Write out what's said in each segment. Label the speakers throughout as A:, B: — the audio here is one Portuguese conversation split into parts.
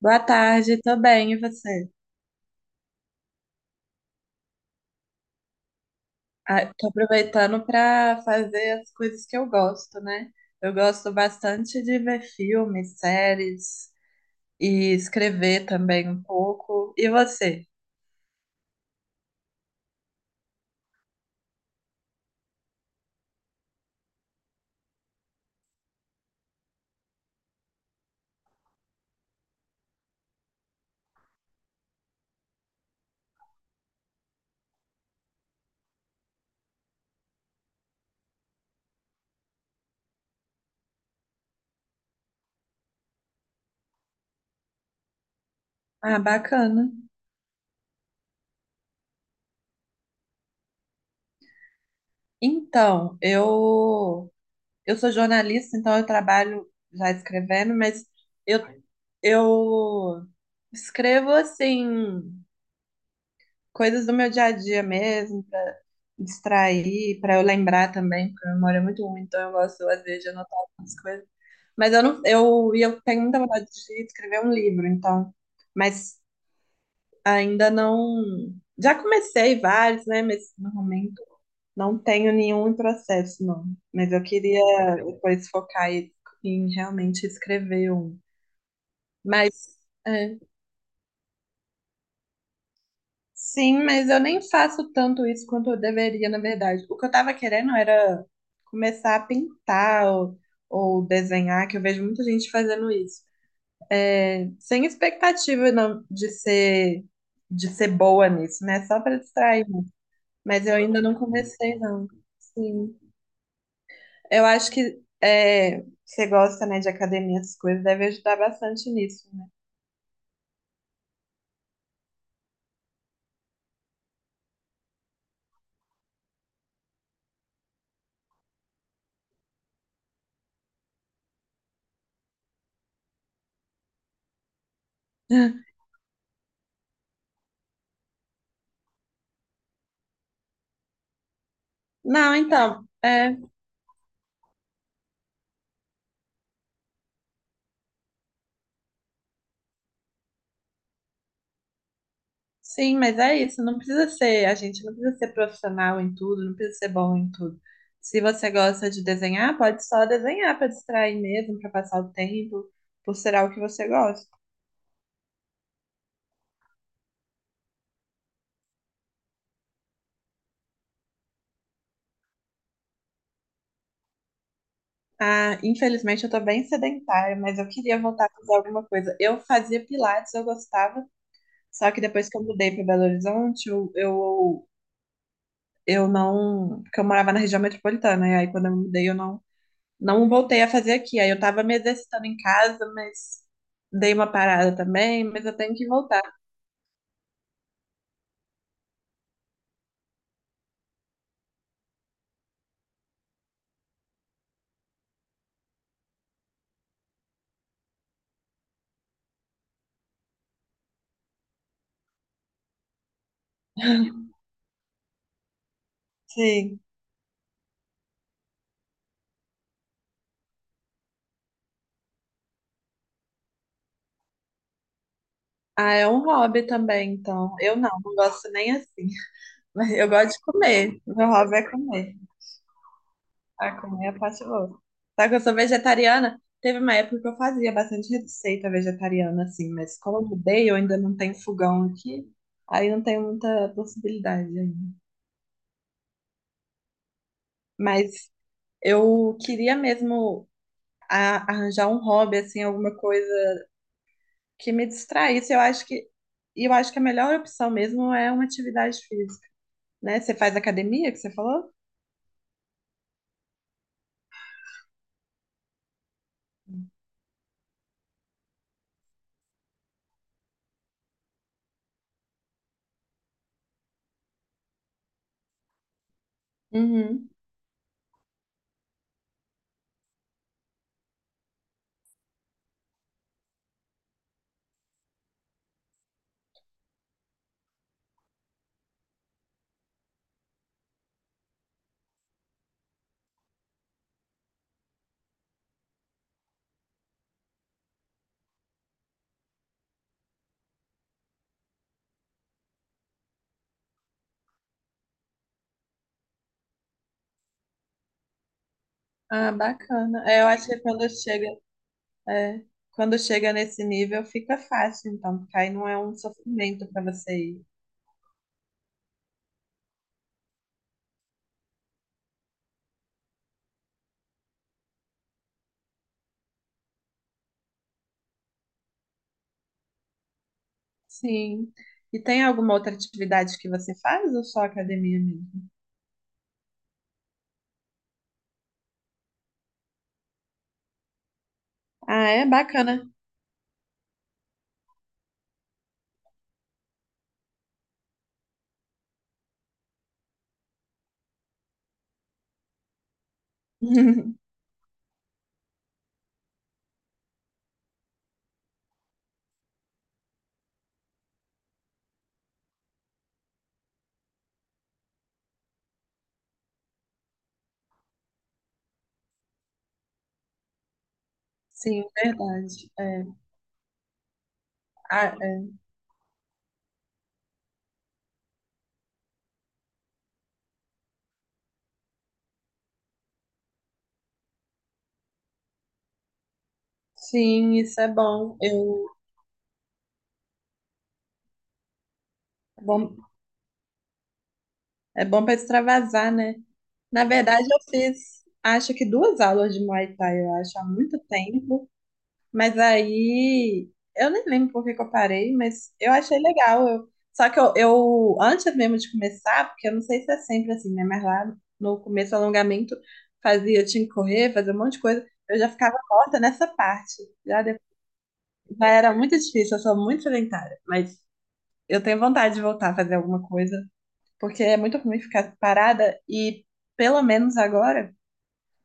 A: Boa tarde, tô bem, e você? Ah, tô aproveitando para fazer as coisas que eu gosto, né? Eu gosto bastante de ver filmes, séries e escrever também um pouco. E você? Ah, bacana. Então, eu sou jornalista, então eu trabalho já escrevendo, mas eu eu escrevo assim coisas do meu dia a dia mesmo, pra distrair, pra eu lembrar também, porque a memória é muito ruim, então eu gosto às vezes de anotar algumas coisas. Mas eu não, eu, e eu tenho muita vontade de escrever um livro, então, mas ainda não, já comecei vários, né, mas no momento não tenho nenhum em processo, não. Mas eu queria depois focar em realmente escrever um. Mas é. Sim, mas eu nem faço tanto isso quanto eu deveria, na verdade. O que eu tava querendo era começar a pintar ou desenhar, que eu vejo muita gente fazendo isso. É, sem expectativa não, de ser boa nisso, né? Só para distrair. Mas eu ainda não comecei, não. Sim. Eu acho que é, você gosta, né, de academia, essas coisas, deve ajudar bastante nisso, né? Não, então, é. Sim, mas é isso, não precisa ser, a gente não precisa ser profissional em tudo, não precisa ser bom em tudo. Se você gosta de desenhar, pode só desenhar para distrair mesmo, para passar o tempo, por ser algo que você gosta. Ah, infelizmente eu tô bem sedentária, mas eu queria voltar a fazer alguma coisa. Eu fazia pilates, eu gostava, só que depois que eu mudei para Belo Horizonte, eu não, porque eu morava na região metropolitana, e aí quando eu mudei eu não não voltei a fazer aqui. Aí eu tava me exercitando em casa, mas dei uma parada também, mas eu tenho que voltar. Sim. Ah, é um hobby também, então. Eu não, não gosto nem assim. Mas eu gosto de comer. Meu hobby é comer. Ah, comer é a parte boa. Só que eu sou vegetariana. Teve uma época que eu fazia bastante receita vegetariana, assim, mas como eu mudei, eu ainda não tenho fogão aqui, aí não tenho muita possibilidade ainda. Mas eu queria mesmo arranjar um hobby, assim, alguma coisa que me distraísse. Eu acho que e eu acho que a melhor opção mesmo é uma atividade física, né? Você faz academia, que você falou? Uhum. Ah, bacana. É, eu acho que é, quando chega nesse nível fica fácil, então, porque aí não é um sofrimento para você ir. Sim. E tem alguma outra atividade que você faz ou só academia mesmo? Ah, é bacana. Sim, verdade. É. Ah, é. Sim, isso é bom. Eu, é bom, é bom para extravasar, né? Na verdade, eu fiz, acho que duas aulas de Muay Thai, eu acho, há muito tempo. Mas aí, eu nem lembro por que que eu parei, mas eu achei legal. Eu, só que eu, Antes mesmo de começar, porque eu não sei se é sempre assim, né? Mas lá no começo, do alongamento, fazia, eu tinha que correr, fazer um monte de coisa. Eu já ficava morta nessa parte. Já era muito difícil, eu sou muito sedentária. Mas eu tenho vontade de voltar a fazer alguma coisa, porque é muito ruim ficar parada e, pelo menos agora,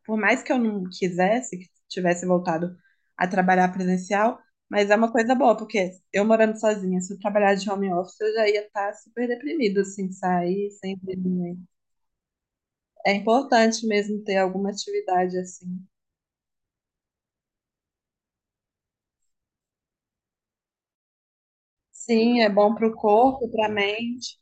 A: por mais que eu não quisesse, que tivesse voltado a trabalhar presencial, mas é uma coisa boa, porque eu morando sozinha, se eu trabalhar de home office, eu já ia estar super deprimido, assim, sair sem ver ninguém. É importante mesmo ter alguma atividade assim. Sim, é bom para o corpo, para a mente.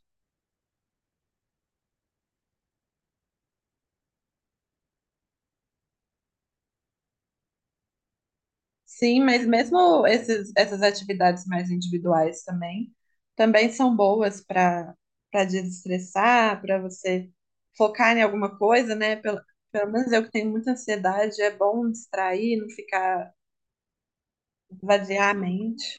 A: Sim, mas mesmo essas atividades mais individuais também, também são boas para desestressar, para você focar em alguma coisa, né? Pelo menos eu que tenho muita ansiedade, é bom distrair, não ficar vaziar a mente.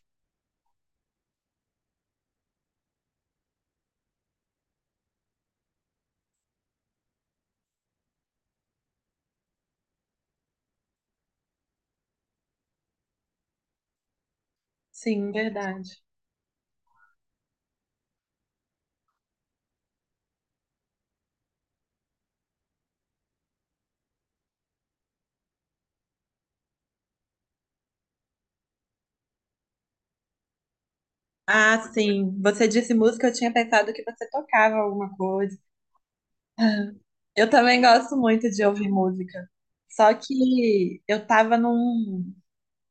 A: Sim, verdade. Ah, sim. Você disse música, eu tinha pensado que você tocava alguma coisa. Eu também gosto muito de ouvir música. Só que eu tava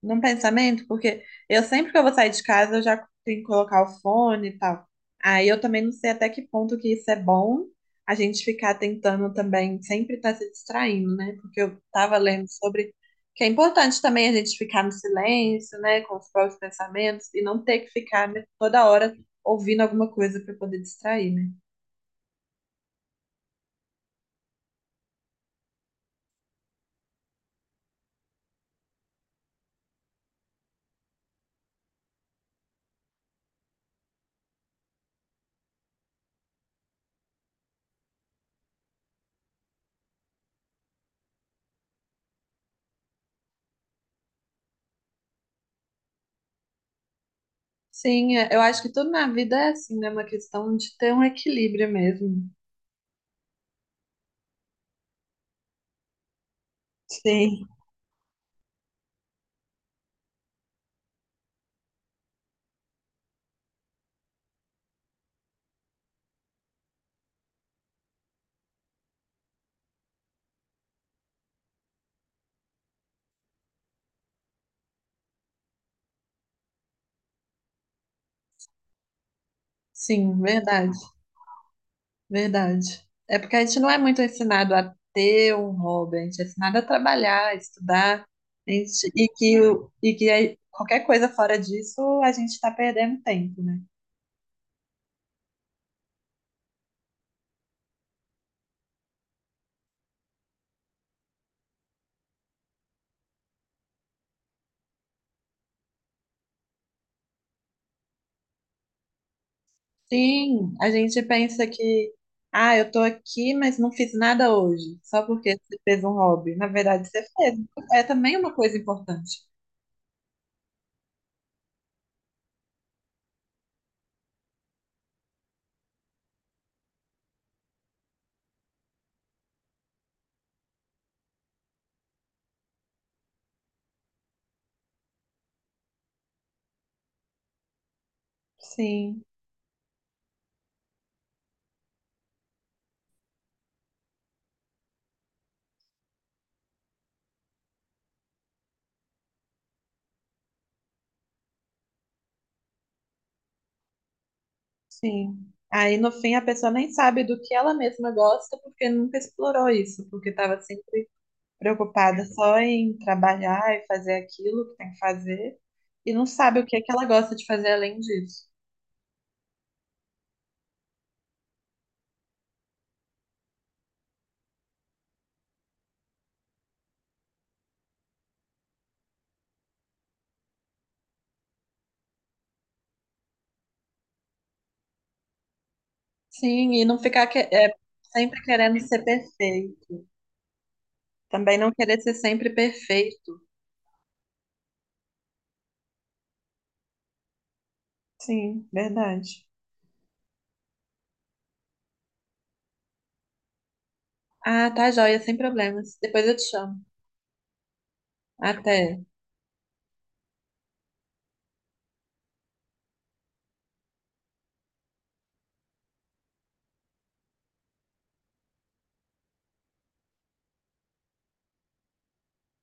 A: num pensamento, porque eu sempre que eu vou sair de casa, eu já tenho que colocar o fone e tal. Aí eu também não sei até que ponto que isso é bom, a gente ficar tentando também sempre estar se distraindo, né? Porque eu estava lendo sobre que é importante também a gente ficar no silêncio, né, com os próprios pensamentos e não ter que ficar, né, toda hora ouvindo alguma coisa para poder distrair, né? Sim, eu acho que tudo na vida é assim, né? Uma questão de ter um equilíbrio mesmo. Sim. Sim, verdade. Verdade. É porque a gente não é muito ensinado a ter um hobby, a gente é ensinado a trabalhar, a estudar, a gente, e que, o- e que aí qualquer coisa fora disso a gente está perdendo tempo, né? Sim, a gente pensa que, ah, eu tô aqui, mas não fiz nada hoje, só porque você fez um hobby. Na verdade, você fez. É também uma coisa importante. Sim, sim. Aí no fim a pessoa nem sabe do que ela mesma gosta porque nunca explorou isso, porque estava preocupada só em trabalhar e fazer aquilo que tem que fazer, e não sabe o que é que ela gosta de fazer além disso. Sim, e não ficar que- é, Sempre querendo ser perfeito. Também não querer ser sempre perfeito. Sim, verdade. Ah, tá joia, sem problemas. Depois eu te chamo. Até.